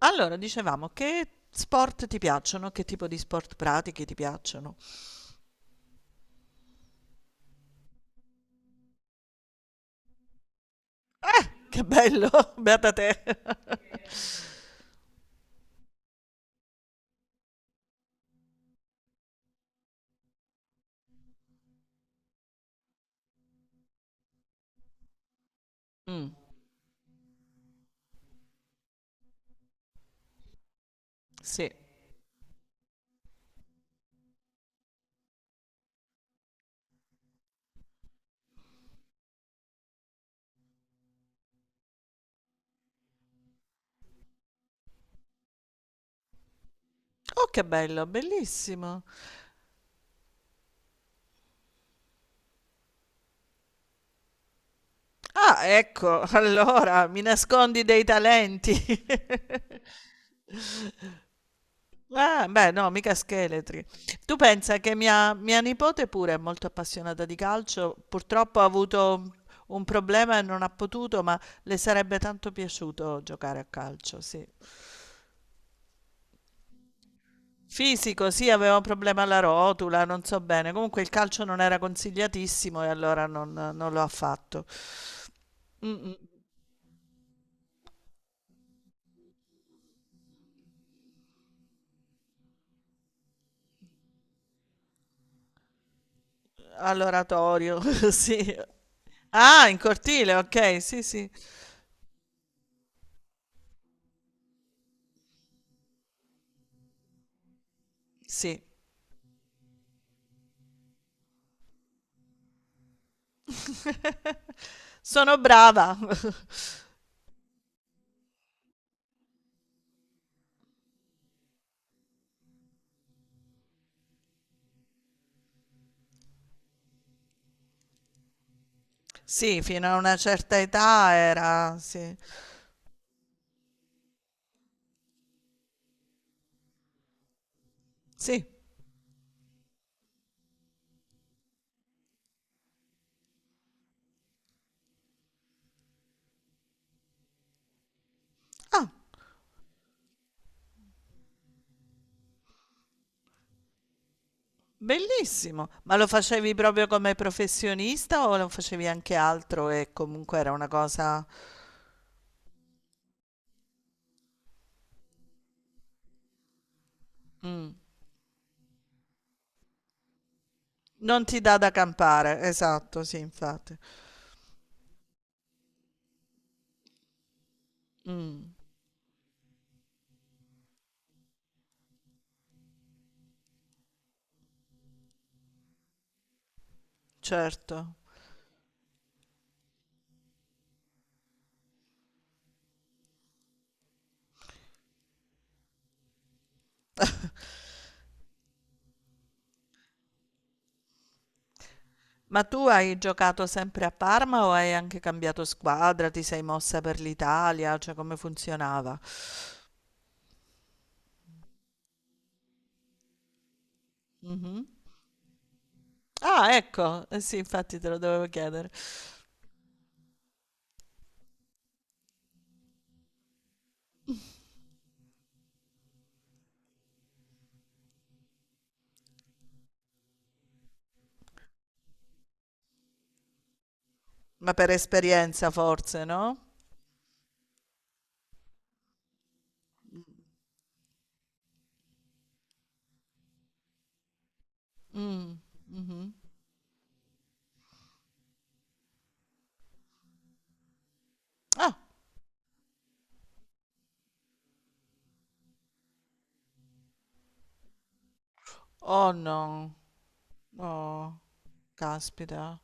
Allora, dicevamo, che sport ti piacciono? Che tipo di sport pratichi ti piacciono? Che bello, beata te. Mm, sì. Oh, che bello, bellissimo. Ah, ecco, allora mi nascondi dei talenti. Ah, beh, no, mica scheletri. Tu pensa che mia nipote pure è molto appassionata di calcio, purtroppo ha avuto un problema e non ha potuto, ma le sarebbe tanto piaciuto giocare a calcio, sì. Fisico, sì, aveva un problema alla rotula, non so bene. Comunque il calcio non era consigliatissimo e allora non lo ha fatto. Mm, all'oratorio, sì. Ah, in cortile, ok, sì, sì, sì. Sono brava. Sì, fino a una certa età era, sì. Sì. Ah, bellissimo. Ma lo facevi proprio come professionista o lo facevi anche altro e comunque era una cosa... Mm. Non ti dà da campare, esatto, sì, infatti. Mm. Certo. Ma tu hai giocato sempre a Parma o hai anche cambiato squadra? Ti sei mossa per l'Italia? Cioè come funzionava? Mhm. Ah, ecco, eh sì, infatti te lo dovevo chiedere. Ma per esperienza forse, no? Ah, oh no. Oh, caspita.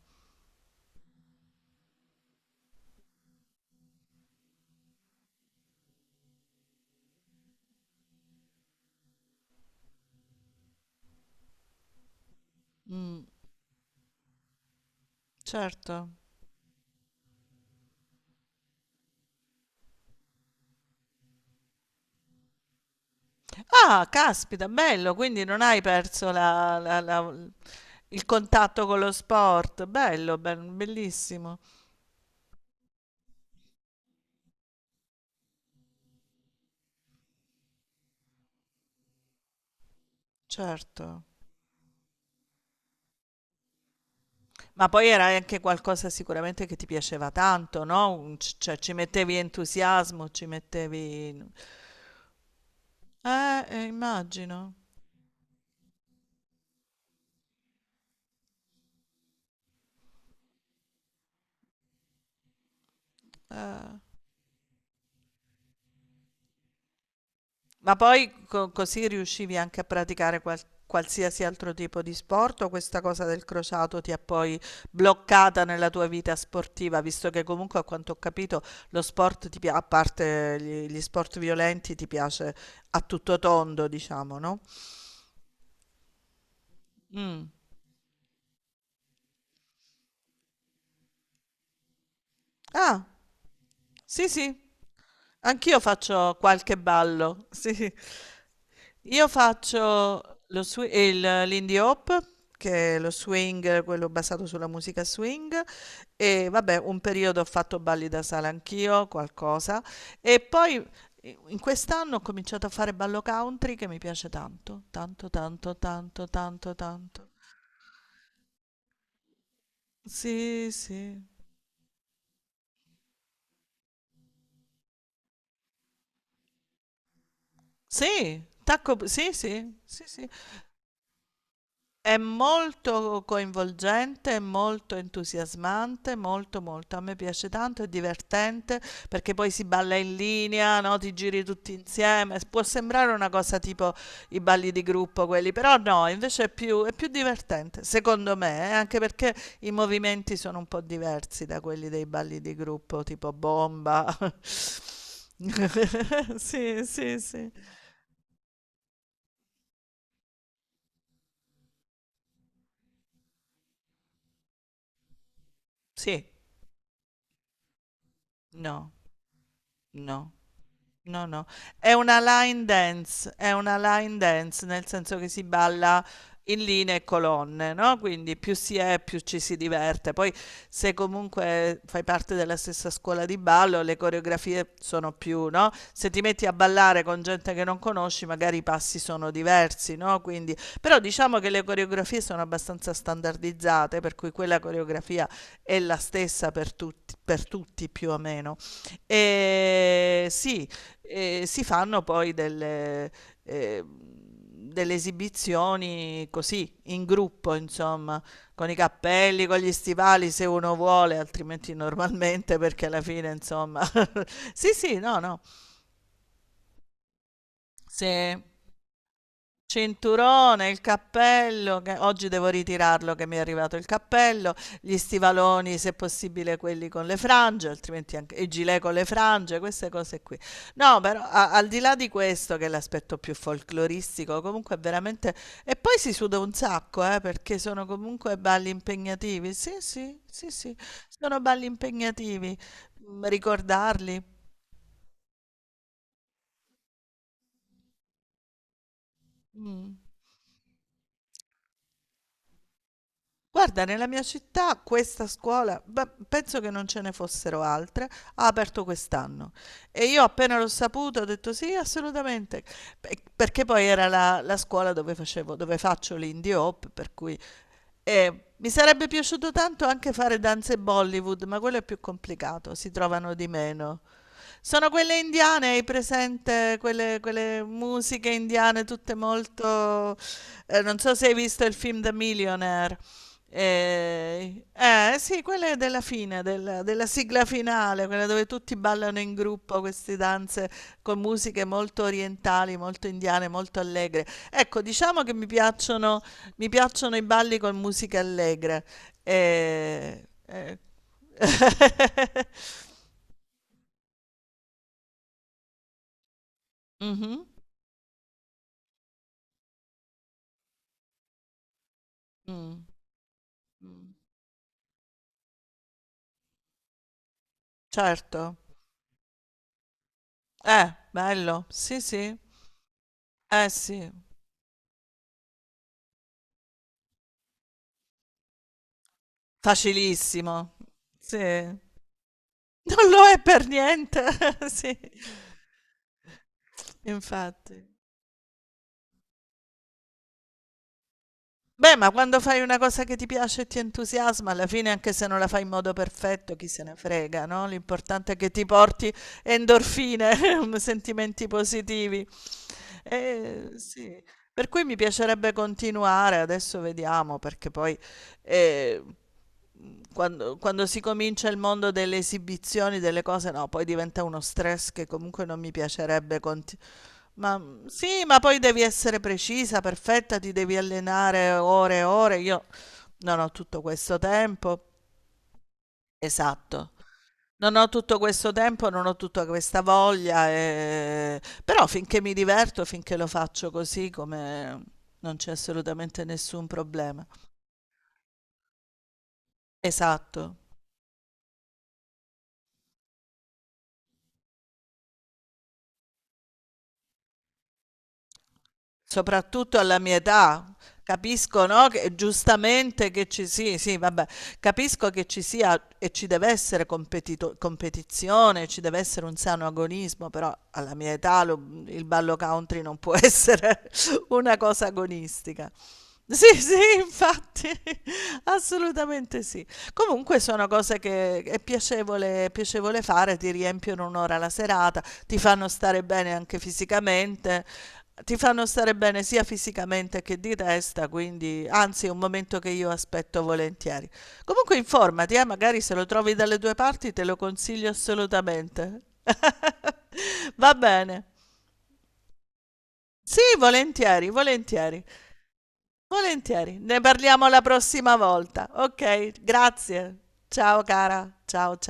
Mm, certo. Ah, caspita, bello, quindi non hai perso il contatto con lo sport. Bello, bellissimo. Certo. Ma poi era anche qualcosa sicuramente che ti piaceva tanto, no? Cioè ci mettevi entusiasmo, ci mettevi... immagino. Eh. Ma poi così riuscivi anche a praticare qualsiasi altro tipo di sport o questa cosa del crociato ti ha poi bloccata nella tua vita sportiva, visto che comunque a quanto ho capito lo sport, a parte gli sport violenti, ti piace a tutto tondo, diciamo, no? Mm. Ah, sì, sì. Anch'io faccio qualche ballo, sì. Io faccio l'indie hop, che è lo swing, quello basato sulla musica swing, e vabbè, un periodo ho fatto balli da sala anch'io, qualcosa, e poi in quest'anno ho cominciato a fare ballo country che mi piace tanto, tanto, tanto, tanto, tanto, tanto. Sì, sì. Sì, tacco, sì, sì, sì, sì. È molto coinvolgente, è molto entusiasmante, molto molto. A me piace tanto, è divertente perché poi si balla in linea, no? Ti giri tutti insieme. Può sembrare una cosa tipo i balli di gruppo quelli, però no, invece è più divertente, secondo me, anche perché i movimenti sono un po' diversi da quelli dei balli di gruppo, tipo bomba. Sì, sì, sì. Sì, no, no. No, no, è una line dance, è una line dance nel senso che si balla in linee e colonne, no? Quindi più si è, più ci si diverte. Poi se comunque fai parte della stessa scuola di ballo, le coreografie sono più, no? Se ti metti a ballare con gente che non conosci, magari i passi sono diversi, no? Quindi, però diciamo che le coreografie sono abbastanza standardizzate, per cui quella coreografia è la stessa per tutti più o meno. E sì. E si fanno poi delle, delle esibizioni così, in gruppo, insomma, con i cappelli, con gli stivali se uno vuole, altrimenti normalmente perché alla fine, insomma. Sì, sì, no, no. Se Cinturone, il cappello, che oggi devo ritirarlo che mi è arrivato il cappello, gli stivaloni se possibile quelli con le frange, altrimenti anche i gilet con le frange, queste cose qui. No, però al di là di questo che è l'aspetto più folcloristico, comunque è veramente... E poi si suda un sacco, perché sono comunque balli impegnativi. Sì, sì, sì, sì, sono balli impegnativi, mm, ricordarli. Mm. Guarda, nella mia città questa scuola, beh, penso che non ce ne fossero altre, ha aperto quest'anno e io appena l'ho saputo ho detto sì, assolutamente. Perché poi era la scuola dove facevo, dove faccio l'indie hop, per cui mi sarebbe piaciuto tanto anche fare danze Bollywood, ma quello è più complicato, si trovano di meno. Sono quelle indiane, hai presente? Quelle musiche indiane, tutte molto... non so se hai visto il film The Millionaire. Sì, quella è della fine, della sigla finale, quella dove tutti ballano in gruppo queste danze con musiche molto orientali, molto indiane, molto allegre. Ecco, diciamo che mi piacciono i balli con musica allegra. Eh. Mhm, mm, mm. Certo. Bello. Sì, sì. Eh sì, facilissimo. Sì. Non lo è per niente, sì, infatti. Beh, ma quando fai una cosa che ti piace e ti entusiasma, alla fine, anche se non la fai in modo perfetto, chi se ne frega, no? L'importante è che ti porti endorfine, sentimenti positivi. Sì. Per cui mi piacerebbe continuare, adesso vediamo, perché poi eh, quando si comincia il mondo delle esibizioni, delle cose, no, poi diventa uno stress che comunque non mi piacerebbe ma, mhmm, sì, ma poi devi essere precisa, perfetta, ti devi allenare ore e ore. Io non ho tutto questo tempo. Esatto. Non ho tutto questo tempo, non ho tutta questa voglia, però finché mi diverto, finché lo faccio così, come non c'è assolutamente nessun problema. Esatto. Soprattutto alla mia età, capisco, no, che giustamente che ci sì, sì, vabbè, capisco che ci sia e ci deve essere competizione, ci deve essere un sano agonismo, però alla mia età il ballo country non può essere una cosa agonistica. Sì, sì, infatti, assolutamente sì. Comunque sono cose che è piacevole, piacevole fare, ti riempiono un'ora la serata, ti fanno stare bene anche fisicamente, ti fanno stare bene sia fisicamente che di testa, quindi anzi è un momento che io aspetto volentieri. Comunque informati, magari se lo trovi dalle due parti te lo consiglio assolutamente. Va bene. Sì, volentieri, volentieri, volentieri. Ne parliamo la prossima volta. Ok, grazie. Ciao cara, ciao ciao.